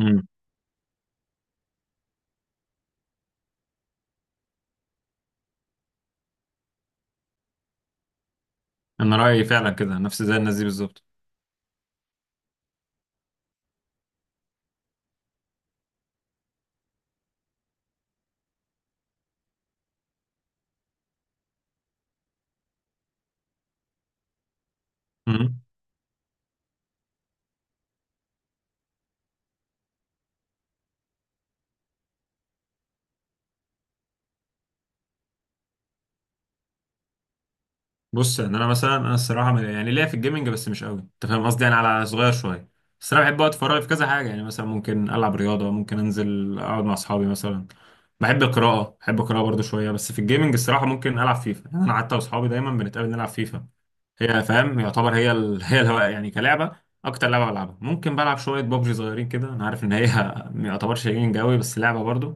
امم انا رايي فعلا كده، نفس زي الناس دي بالظبط. امم بص، ان انا مثلا انا الصراحه يعني ليا في الجيمنج بس مش قوي، انت فاهم قصدي؟ يعني على صغير شويه. بس انا بحب وقت فراغي في كذا حاجه، يعني مثلا ممكن العب رياضه، ممكن انزل اقعد مع اصحابي مثلا. بحب القراءه، بحب القراءه برضو شويه، بس في الجيمنج الصراحه ممكن العب فيفا. يعني انا حتى واصحابي دايما بنتقابل نلعب فيفا، هي فاهم يعتبر هي الهواء يعني كلعبه. اكتر لعبه بلعبها، ممكن بلعب شويه ببجي صغيرين كده، انا عارف ان هي ما يعتبرش جيمنج قوي بس لعبه برضو.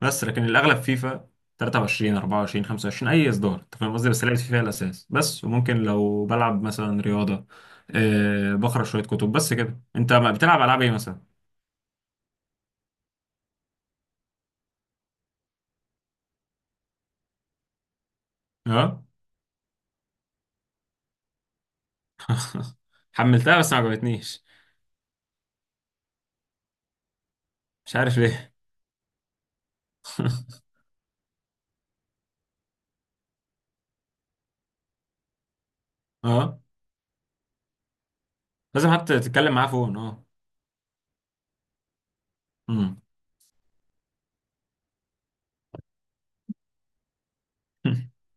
بس لكن الاغلب فيفا 23 24 25، اي اصدار، انت فاهم قصدي؟ بس لعبت فيفا هي الاساس، بس وممكن لو بلعب مثلا رياضه. أه، بقرا شويه كتب بس كده. انت ما بتلعب العاب ايه مثلا؟ اه. حملتها بس ما عجبتنيش. مش عارف ليه. اه. لازم حتى تتكلم معاه فون، اه. امم.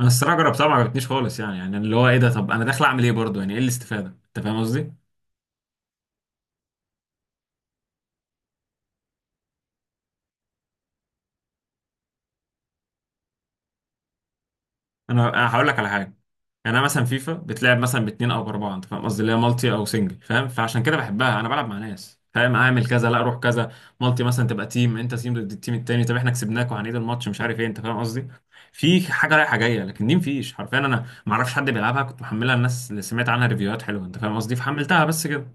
انا الصراحه جربتها ما عجبتنيش خالص، يعني يعني اللي هو ايه ده؟ طب انا داخل اعمل ايه برضه؟ يعني ايه الاستفاده؟ انت فاهم قصدي؟ انا هقول لك على حاجه. يعني انا مثلا فيفا بتلعب مثلا باتنين او باربعه، انت فاهم قصدي؟ اللي هي مالتي او سنجل فاهم، فعشان كده بحبها. انا بلعب مع ناس، فاهم؟ اعمل كذا، لا اروح كذا. مالتي مثلا تبقى تيم، انت تيم ضد التيم التاني، طب احنا كسبناك وهنعيد الماتش، مش عارف ايه، انت فاهم قصدي؟ في حاجه رايحه جايه. لكن دي مفيش، حرفيا انا ما اعرفش حد بيلعبها. كنت محملها، الناس اللي سمعت عنها ريفيوهات حلوه، انت فاهم قصدي؟ فحملتها بس كده.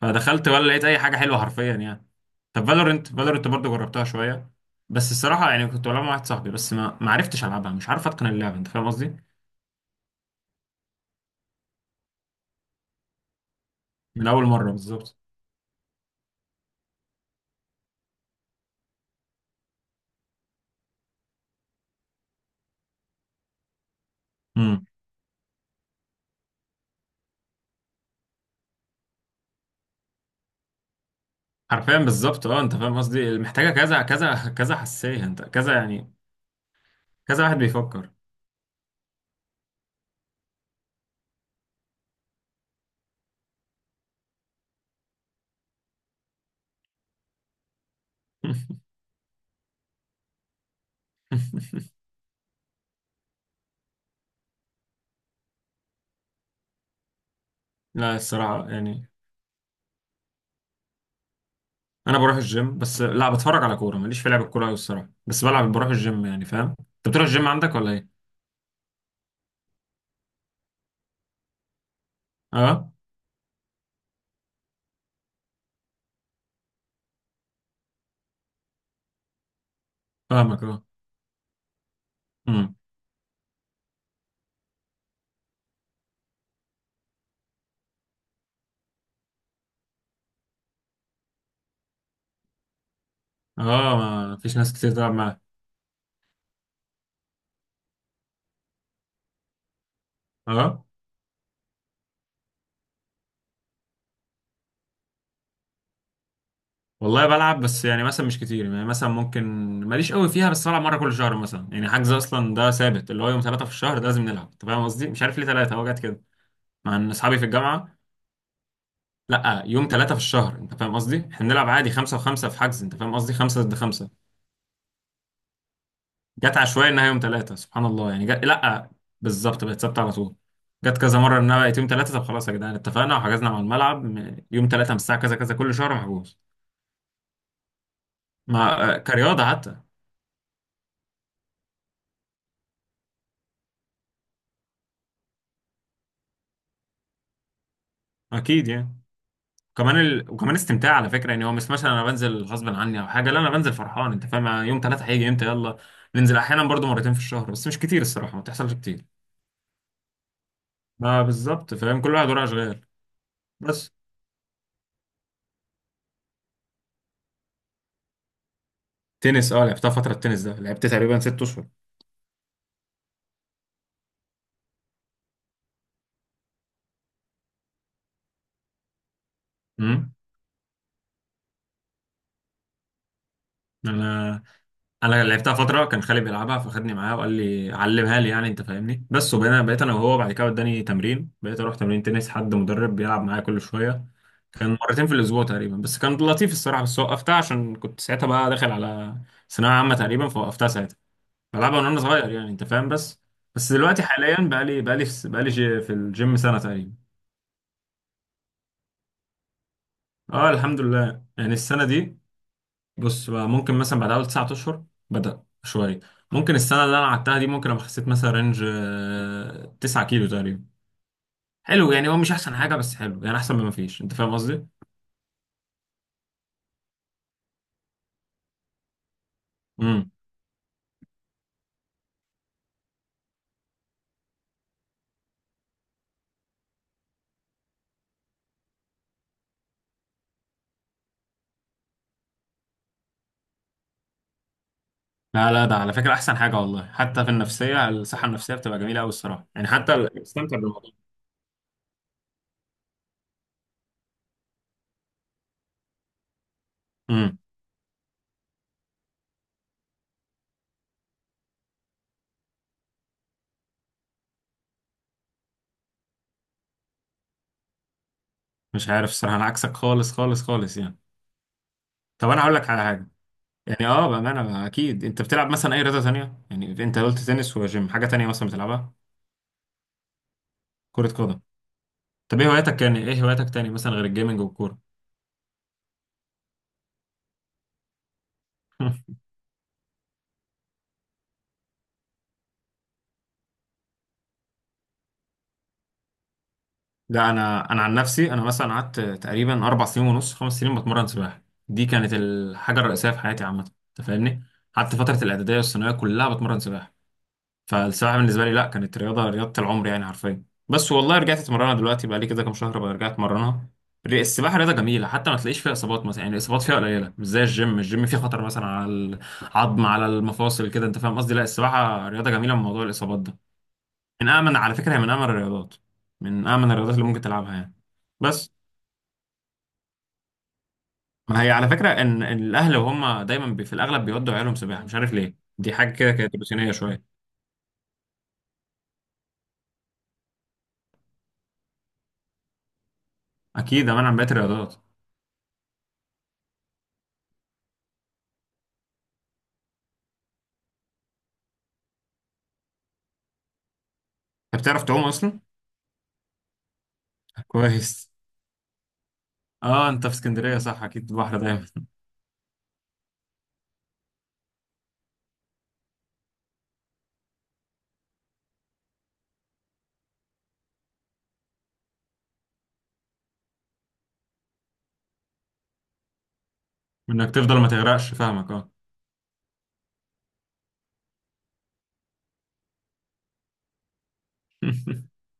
فدخلت ولا لقيت اي حاجه حلوه حرفيا يعني. طب فالورنت، فالورنت برضه جربتها شويه. بس الصراحه يعني كنت بلعبها مع واحد صاحبي، بس ما عرفتش العبها، مش عارف اتقن اللعبه، انت فاهم قصدي؟ من اول مره بالظبط. امم. حرفيا بالظبط اه، انت فاهم قصدي؟ محتاجه كذا كذا كذا حساسيه، انت كذا يعني، كذا واحد بيفكر. لا الصراحه يعني انا بروح الجيم بس، لا بتفرج على كوره، ماليش في لعب الكوره قوي الصراحه، بس بلعب بروح الجيم يعني. فاهم؟ انت بتروح الجيم عندك ولا ايه؟ اه، فاهمك، اه، امم. اه، ما فيش ناس كتير تلعب معاك. اه. والله بلعب بس، يعني مثلا مش كتير، يعني مثلا ممكن. ماليش قوي فيها، بس بلعب مره كل شهر مثلا. يعني حجز اصلا ده ثابت، اللي هو يوم ثلاثه في الشهر ده لازم نلعب، انت فاهم قصدي؟ مش عارف ليه ثلاثه، هو جت كده، مع ان اصحابي في الجامعه. لا، يوم ثلاثه في الشهر، انت فاهم قصدي؟ احنا بنلعب عادي خمسه وخمسه في حجز، انت فاهم قصدي؟ خمسه ضد خمسه. جت عشوائي انها يوم ثلاثه، سبحان الله، يعني جت، لا بالظبط، بقت ثابته على طول. جت كذا مره انها بقت يوم ثلاثه، طب خلاص يا جدعان، اتفقنا وحجزنا مع الملعب يوم ثلاثه من الساعه كذا كذا كل شهر محجوز. مع كرياضه حتى. اكيد يعني. كمان وكمان استمتاع على فكره، يعني هو مش مثلا انا بنزل غصب عني او حاجه، لا انا بنزل فرحان، انت فاهم؟ يعني يوم ثلاثه هيجي امتى، يلا ننزل. احيانا برضو مرتين في الشهر، بس مش كتير الصراحه، ما بتحصلش كتير. ما بالظبط، فاهم؟ كل واحد وراه اشغال. بس. تنس، اه لعبتها فتره، التنس ده لعبت تقريبا 6 اشهر. امم. انا انا لعبتها فتره كان خالي بيلعبها، فخدني معاه وقال لي علمها لي يعني، انت فاهمني؟ بس وبقينا، بقيت انا وهو بعد كده اداني تمرين، بقيت اروح تمرين تنس، حد مدرب بيلعب معايا كل شويه. كان مرتين في الاسبوع تقريبا، بس كان لطيف الصراحه، بس وقفتها عشان كنت ساعتها بقى داخل على ثانويه عامه تقريبا، فوقفتها ساعتها. بلعبها من وانا صغير يعني، انت فاهم؟ بس. بس دلوقتي حاليا بقى لي في الجيم سنه تقريبا. اه الحمد لله، يعني السنه دي، بص بقى، ممكن مثلا بعد اول 9 اشهر بدأ شويه. ممكن السنه اللي انا قعدتها دي ممكن ابقى خسيت مثلا رينج 9 كيلو تقريبا. حلو يعني، هو مش احسن حاجه بس حلو يعني، احسن من ما فيش، انت فاهم قصدي؟ امم. لا لا، ده على فكره احسن حاجه والله، حتى في النفسيه، الصحه النفسيه بتبقى جميله قوي الصراحه يعني، حتى بستمتع بالموضوع. امم. مش عارف الصراحه، انا عكسك خالص خالص خالص يعني. طب انا هقول لك على حاجه. يعني اه بامانه بقى، اكيد انت بتلعب مثلا اي رياضه تانية، يعني انت قلت تنس وجيم، حاجه تانية مثلا بتلعبها؟ كره قدم. طب ايه هواياتك، كان ايه هواياتك تاني مثلا غير الجيمنج والكورة؟ لا، انا عن نفسي، انا مثلا قعدت تقريبا 4 سنين ونص، 5 سنين بتمرن سباحة، دي كانت الحاجة الرئيسية في حياتي عامة. انت فاهمني؟ قعدت فترة الاعدادية والثانوية كلها بتمرن سباحة. فالسباحة بالنسبة لي لا، كانت رياضة، رياضة العمر يعني حرفيا. بس والله رجعت اتمرنها دلوقتي، بقى لي كده كام شهر بقى رجعت اتمرنها. السباحة رياضة جميلة، حتى ما تلاقيش فيها اصابات مثلا يعني، الاصابات فيها قليلة، مش زي الجيم، الجيم فيه خطر مثلا على العظم، على المفاصل كده، انت فاهم قصدي؟ لا السباحة رياضة جميلة من موضوع الاصابات ده. من أأمن على فكرة، هي من أأمن الرياضات، من أأمن الرياضات اللي ممكن تلعبها يعني. بس. ما هي على فكرة إن الأهل وهم دايما في الأغلب بيودوا عيالهم سباحة، مش عارف ليه، دي حاجة كده كانت روتينية شوية. أكيد أمان عن باقي الرياضات. أنت بتعرف تعوم أصلا؟ كويس. أه أنت في اسكندرية، صح أكيد البحر دايما. إنك تفضل ما تغرقش، فاهمك أه.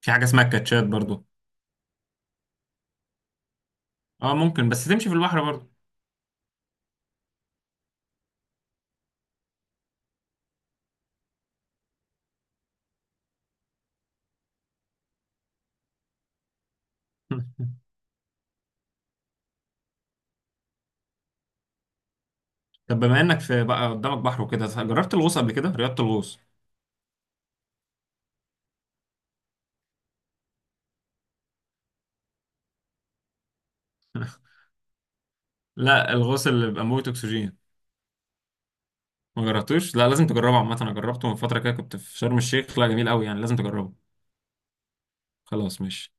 في حاجة اسمها الكاتشات برضو. أه ممكن، بس تمشي في البحر برضو. طب بما إنك في بقى قدامك بحر وكده، جربت الغوص قبل كده؟ رياضة الغوص. لا، الغوص اللي بيبقى موت أكسجين. ما جربتوش؟ لا لازم تجربه عامه، انا جربته من فتره كده كنت في شرم الشيخ، لا جميل قوي يعني، لازم تجربه. خلاص ماشي.